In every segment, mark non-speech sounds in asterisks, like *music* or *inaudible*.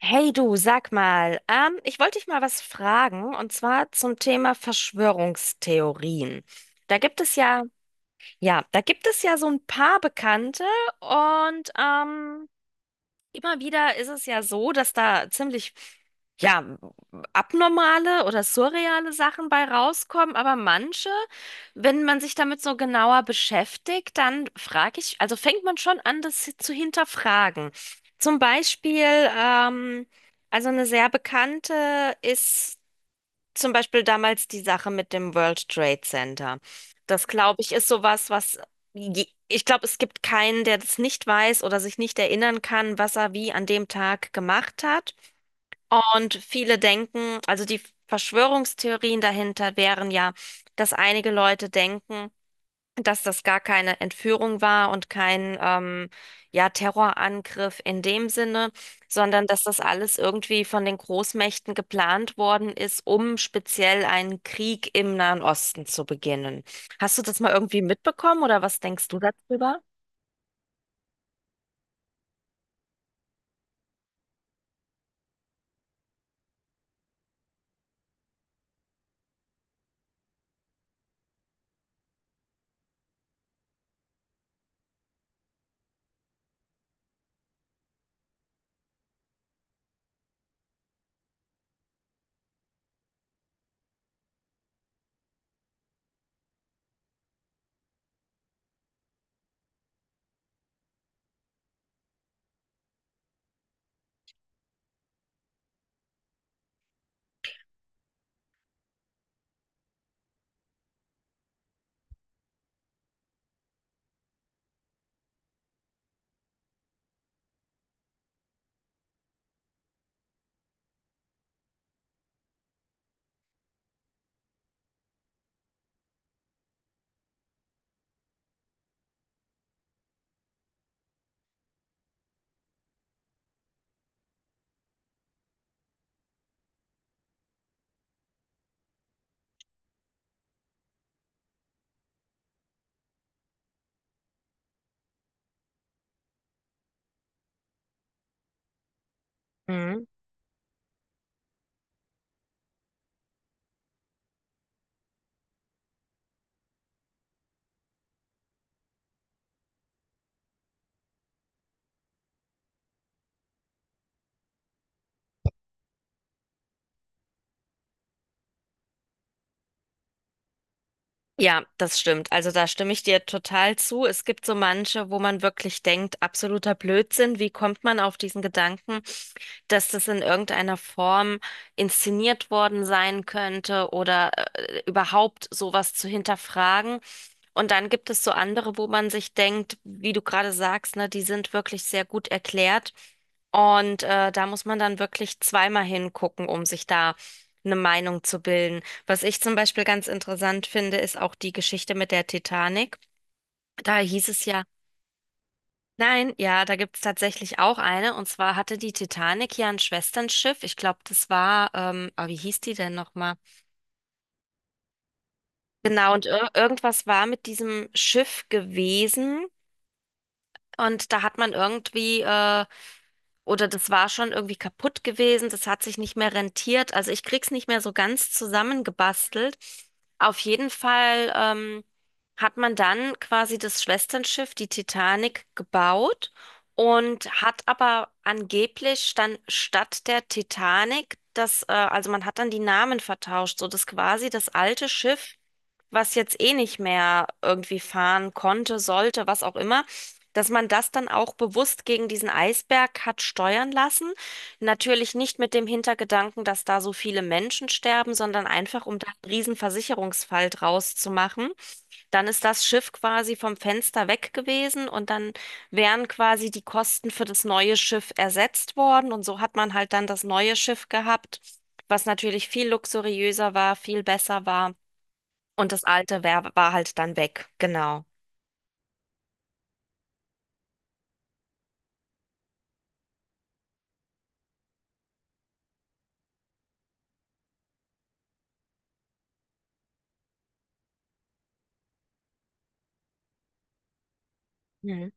Hey du, sag mal, ich wollte dich mal was fragen und zwar zum Thema Verschwörungstheorien. Da gibt es ja, ja, da gibt es ja so ein paar Bekannte und ähm, immer wieder ist es ja so, dass da ziemlich, ja, abnormale oder surreale Sachen bei rauskommen, aber manche, wenn man sich damit so genauer beschäftigt, dann frage ich, also fängt man schon an, das zu hinterfragen. Zum Beispiel, ähm, also eine sehr bekannte ist zum Beispiel damals die Sache mit dem World Trade Center. Das, glaube ich, ist sowas, was ich glaube, es gibt keinen, der das nicht weiß oder sich nicht erinnern kann, was er wie an dem Tag gemacht hat. Und viele denken, also die Verschwörungstheorien dahinter wären ja, dass einige Leute denken, dass das gar keine Entführung war und kein, ja, Terrorangriff in dem Sinne, sondern dass das alles irgendwie von den Großmächten geplant worden ist, um speziell einen Krieg im Nahen Osten zu beginnen. Hast du das mal irgendwie mitbekommen oder was denkst du darüber? Ja, das stimmt. Also da stimme ich dir total zu. Es gibt so manche, wo man wirklich denkt, absoluter Blödsinn. Wie kommt man auf diesen Gedanken, dass das in irgendeiner Form inszeniert worden sein könnte oder überhaupt sowas zu hinterfragen? Und dann gibt es so andere, wo man sich denkt, wie du gerade sagst, ne, die sind wirklich sehr gut erklärt. Und da muss man dann wirklich zweimal hingucken, um sich da eine Meinung zu bilden. Was ich zum Beispiel ganz interessant finde, ist auch die Geschichte mit der Titanic. Da hieß es ja, nein, ja, da gibt es tatsächlich auch eine. Und zwar hatte die Titanic ja ein Schwesternschiff. Ich glaube, das war, wie hieß die denn nochmal? Genau, und ir irgendwas war mit diesem Schiff gewesen. Und da hat man irgendwie, oder das war schon irgendwie kaputt gewesen, das hat sich nicht mehr rentiert. Also ich krieg's nicht mehr so ganz zusammengebastelt. Auf jeden Fall hat man dann quasi das Schwesternschiff, die Titanic, gebaut und hat aber angeblich dann statt der Titanic also man hat dann die Namen vertauscht, so dass quasi das alte Schiff, was jetzt eh nicht mehr irgendwie fahren konnte, sollte, was auch immer, dass man das dann auch bewusst gegen diesen Eisberg hat steuern lassen. Natürlich nicht mit dem Hintergedanken, dass da so viele Menschen sterben, sondern einfach, um da einen riesen Versicherungsfall draus zu machen. Dann ist das Schiff quasi vom Fenster weg gewesen und dann wären quasi die Kosten für das neue Schiff ersetzt worden. Und so hat man halt dann das neue Schiff gehabt, was natürlich viel luxuriöser war, viel besser war. Und das war halt dann weg, genau. Mhm.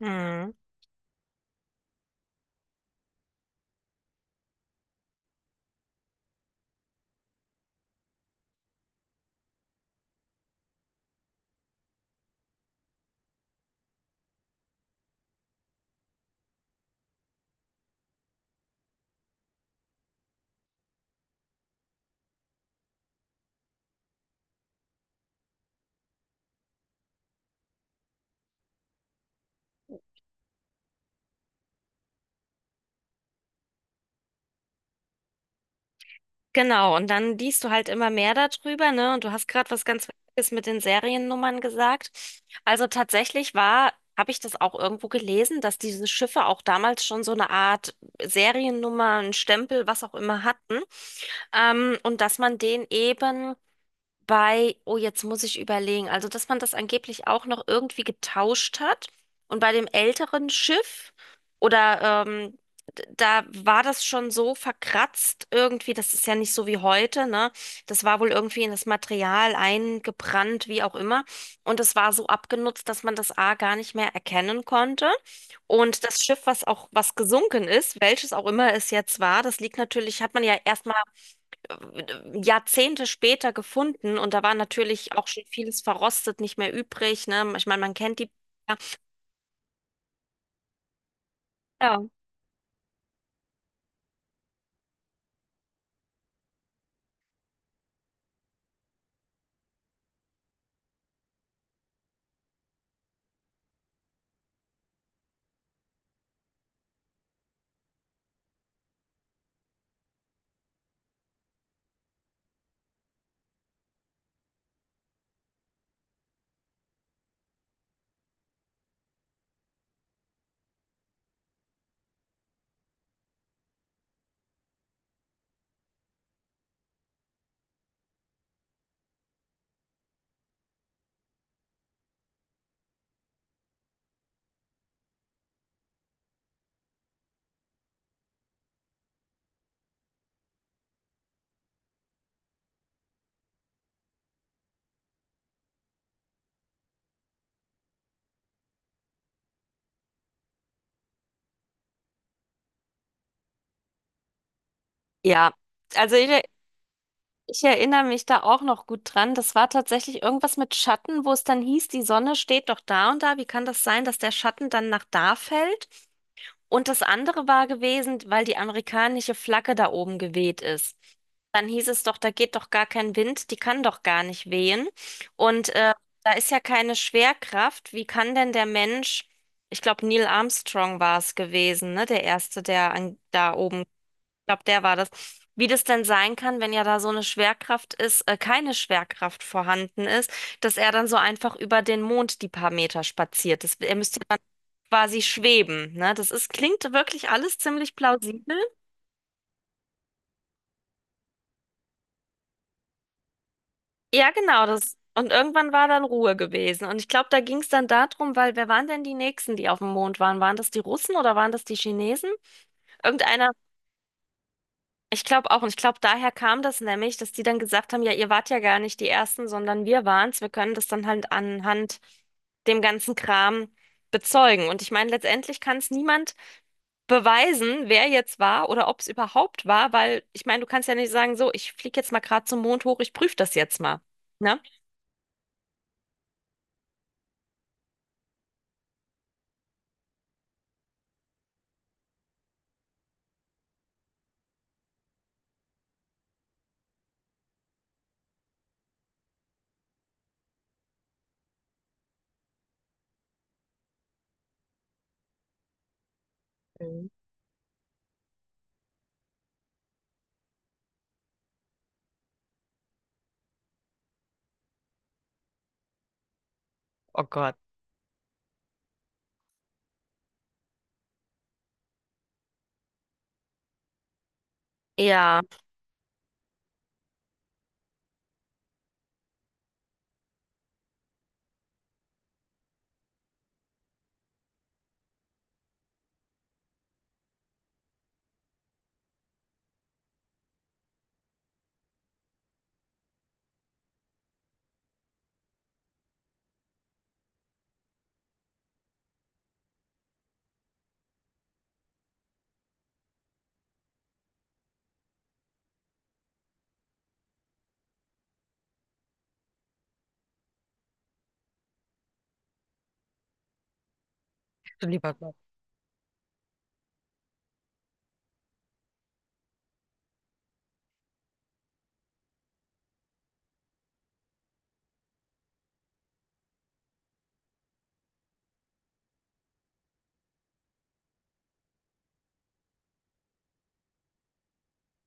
Mhm. Genau, und dann liest du halt immer mehr darüber, ne? Und du hast gerade was ganz Wichtiges mit den Seriennummern gesagt. Also tatsächlich war, habe ich das auch irgendwo gelesen, dass diese Schiffe auch damals schon so eine Art Seriennummer, einen Stempel, was auch immer hatten. Und dass man den eben bei, oh, jetzt muss ich überlegen, also dass man das angeblich auch noch irgendwie getauscht hat. Und bei dem älteren Schiff oder da war das schon so verkratzt irgendwie, das ist ja nicht so wie heute, ne? Das war wohl irgendwie in das Material eingebrannt, wie auch immer. Und es war so abgenutzt, dass man das A gar nicht mehr erkennen konnte. Und das Schiff, was auch, was gesunken ist, welches auch immer es jetzt war, das liegt natürlich, hat man ja erstmal Jahrzehnte später gefunden. Und da war natürlich auch schon vieles verrostet, nicht mehr übrig, ne? Ich meine, man kennt die. Ja. Ja, also ich, ich erinnere mich da auch noch gut dran. Das war tatsächlich irgendwas mit Schatten, wo es dann hieß, die Sonne steht doch da und da. Wie kann das sein, dass der Schatten dann nach da fällt? Und das andere war gewesen, weil die amerikanische Flagge da oben geweht ist. Dann hieß es doch, da geht doch gar kein Wind, die kann doch gar nicht wehen. Und da ist ja keine Schwerkraft. Wie kann denn der Mensch, ich glaube, Neil Armstrong war es gewesen, ne? Der Erste, der an, da oben, glaube, der war das. Wie das denn sein kann, wenn ja da so eine keine Schwerkraft vorhanden ist, dass er dann so einfach über den Mond die paar Meter spaziert. Das, er müsste dann quasi schweben, ne? Das ist, klingt wirklich alles ziemlich plausibel. Ja, genau, das. Und irgendwann war dann Ruhe gewesen. Und ich glaube, da ging es dann darum, weil wer waren denn die Nächsten, die auf dem Mond waren? Waren das die Russen oder waren das die Chinesen? Irgendeiner. Ich glaube auch, und ich glaube, daher kam das nämlich, dass die dann gesagt haben, ja, ihr wart ja gar nicht die Ersten, sondern wir waren's. Wir können das dann halt anhand dem ganzen Kram bezeugen. Und ich meine, letztendlich kann es niemand beweisen, wer jetzt war oder ob es überhaupt war, weil ich meine, du kannst ja nicht sagen, so, ich fliege jetzt mal gerade zum Mond hoch, ich prüfe das jetzt mal. Ne? Mhm. Oh Gott. Ja,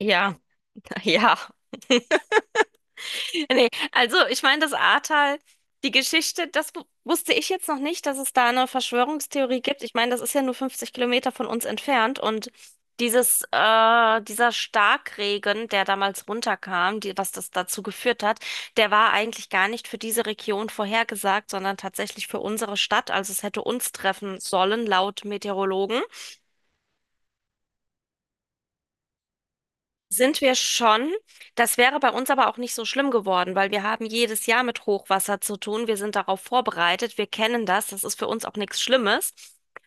ja, *laughs* ja. *laughs* Nee, also ich meine, das Ahrtal, die Geschichte, das wusste ich jetzt noch nicht, dass es da eine Verschwörungstheorie gibt. Ich meine, das ist ja nur 50 Kilometer von uns entfernt und dieser Starkregen, der damals runterkam, die, was das dazu geführt hat, der war eigentlich gar nicht für diese Region vorhergesagt, sondern tatsächlich für unsere Stadt. Also es hätte uns treffen sollen, laut Meteorologen. Sind wir schon. Das wäre bei uns aber auch nicht so schlimm geworden, weil wir haben jedes Jahr mit Hochwasser zu tun. Wir sind darauf vorbereitet. Wir kennen das. Das ist für uns auch nichts Schlimmes.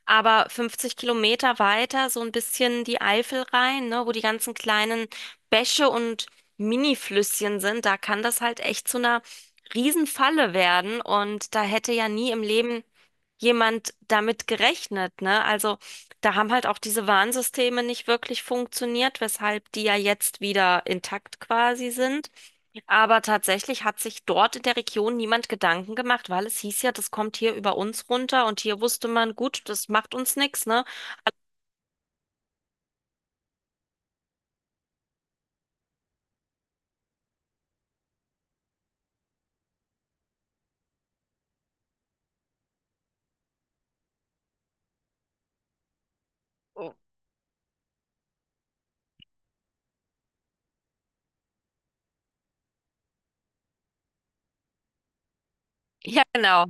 Aber 50 Kilometer weiter, so ein bisschen die Eifel rein, ne, wo die ganzen kleinen Bäche und Mini-Flüsschen sind, da kann das halt echt zu einer Riesenfalle werden. Und da hätte ja nie im Leben jemand damit gerechnet, ne? Also da haben halt auch diese Warnsysteme nicht wirklich funktioniert, weshalb die ja jetzt wieder intakt quasi sind. Aber tatsächlich hat sich dort in der Region niemand Gedanken gemacht, weil es hieß ja, das kommt hier über uns runter und hier wusste man, gut, das macht uns nichts, ne? Oh. Ja, genau.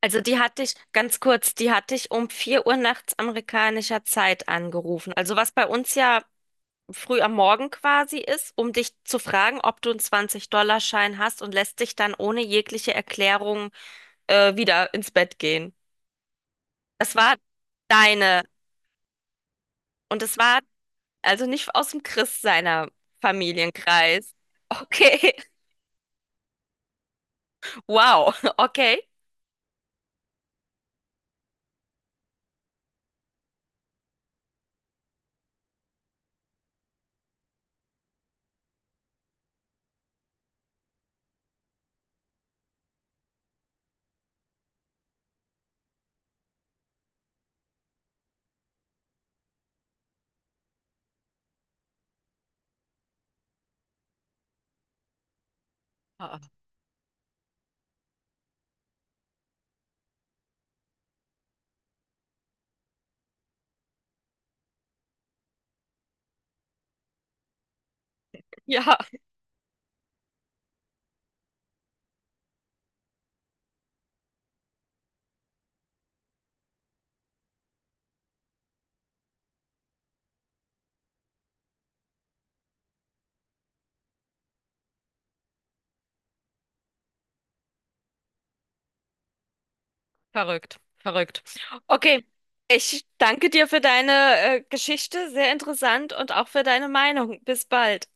Also die hatte ich, ganz kurz, die hatte ich um 4 Uhr nachts amerikanischer Zeit angerufen. Also was bei uns ja früh am Morgen quasi ist, um dich zu fragen, ob du einen 20-Dollar-Schein hast und lässt dich dann ohne jegliche Erklärung wieder ins Bett gehen. Es war deine und es war also nicht aus dem Christ seiner Familienkreis. Okay, *laughs* wow, okay. Ah. Ja, verrückt, verrückt. Okay. Ich danke dir für deine Geschichte, sehr interessant und auch für deine Meinung. Bis bald.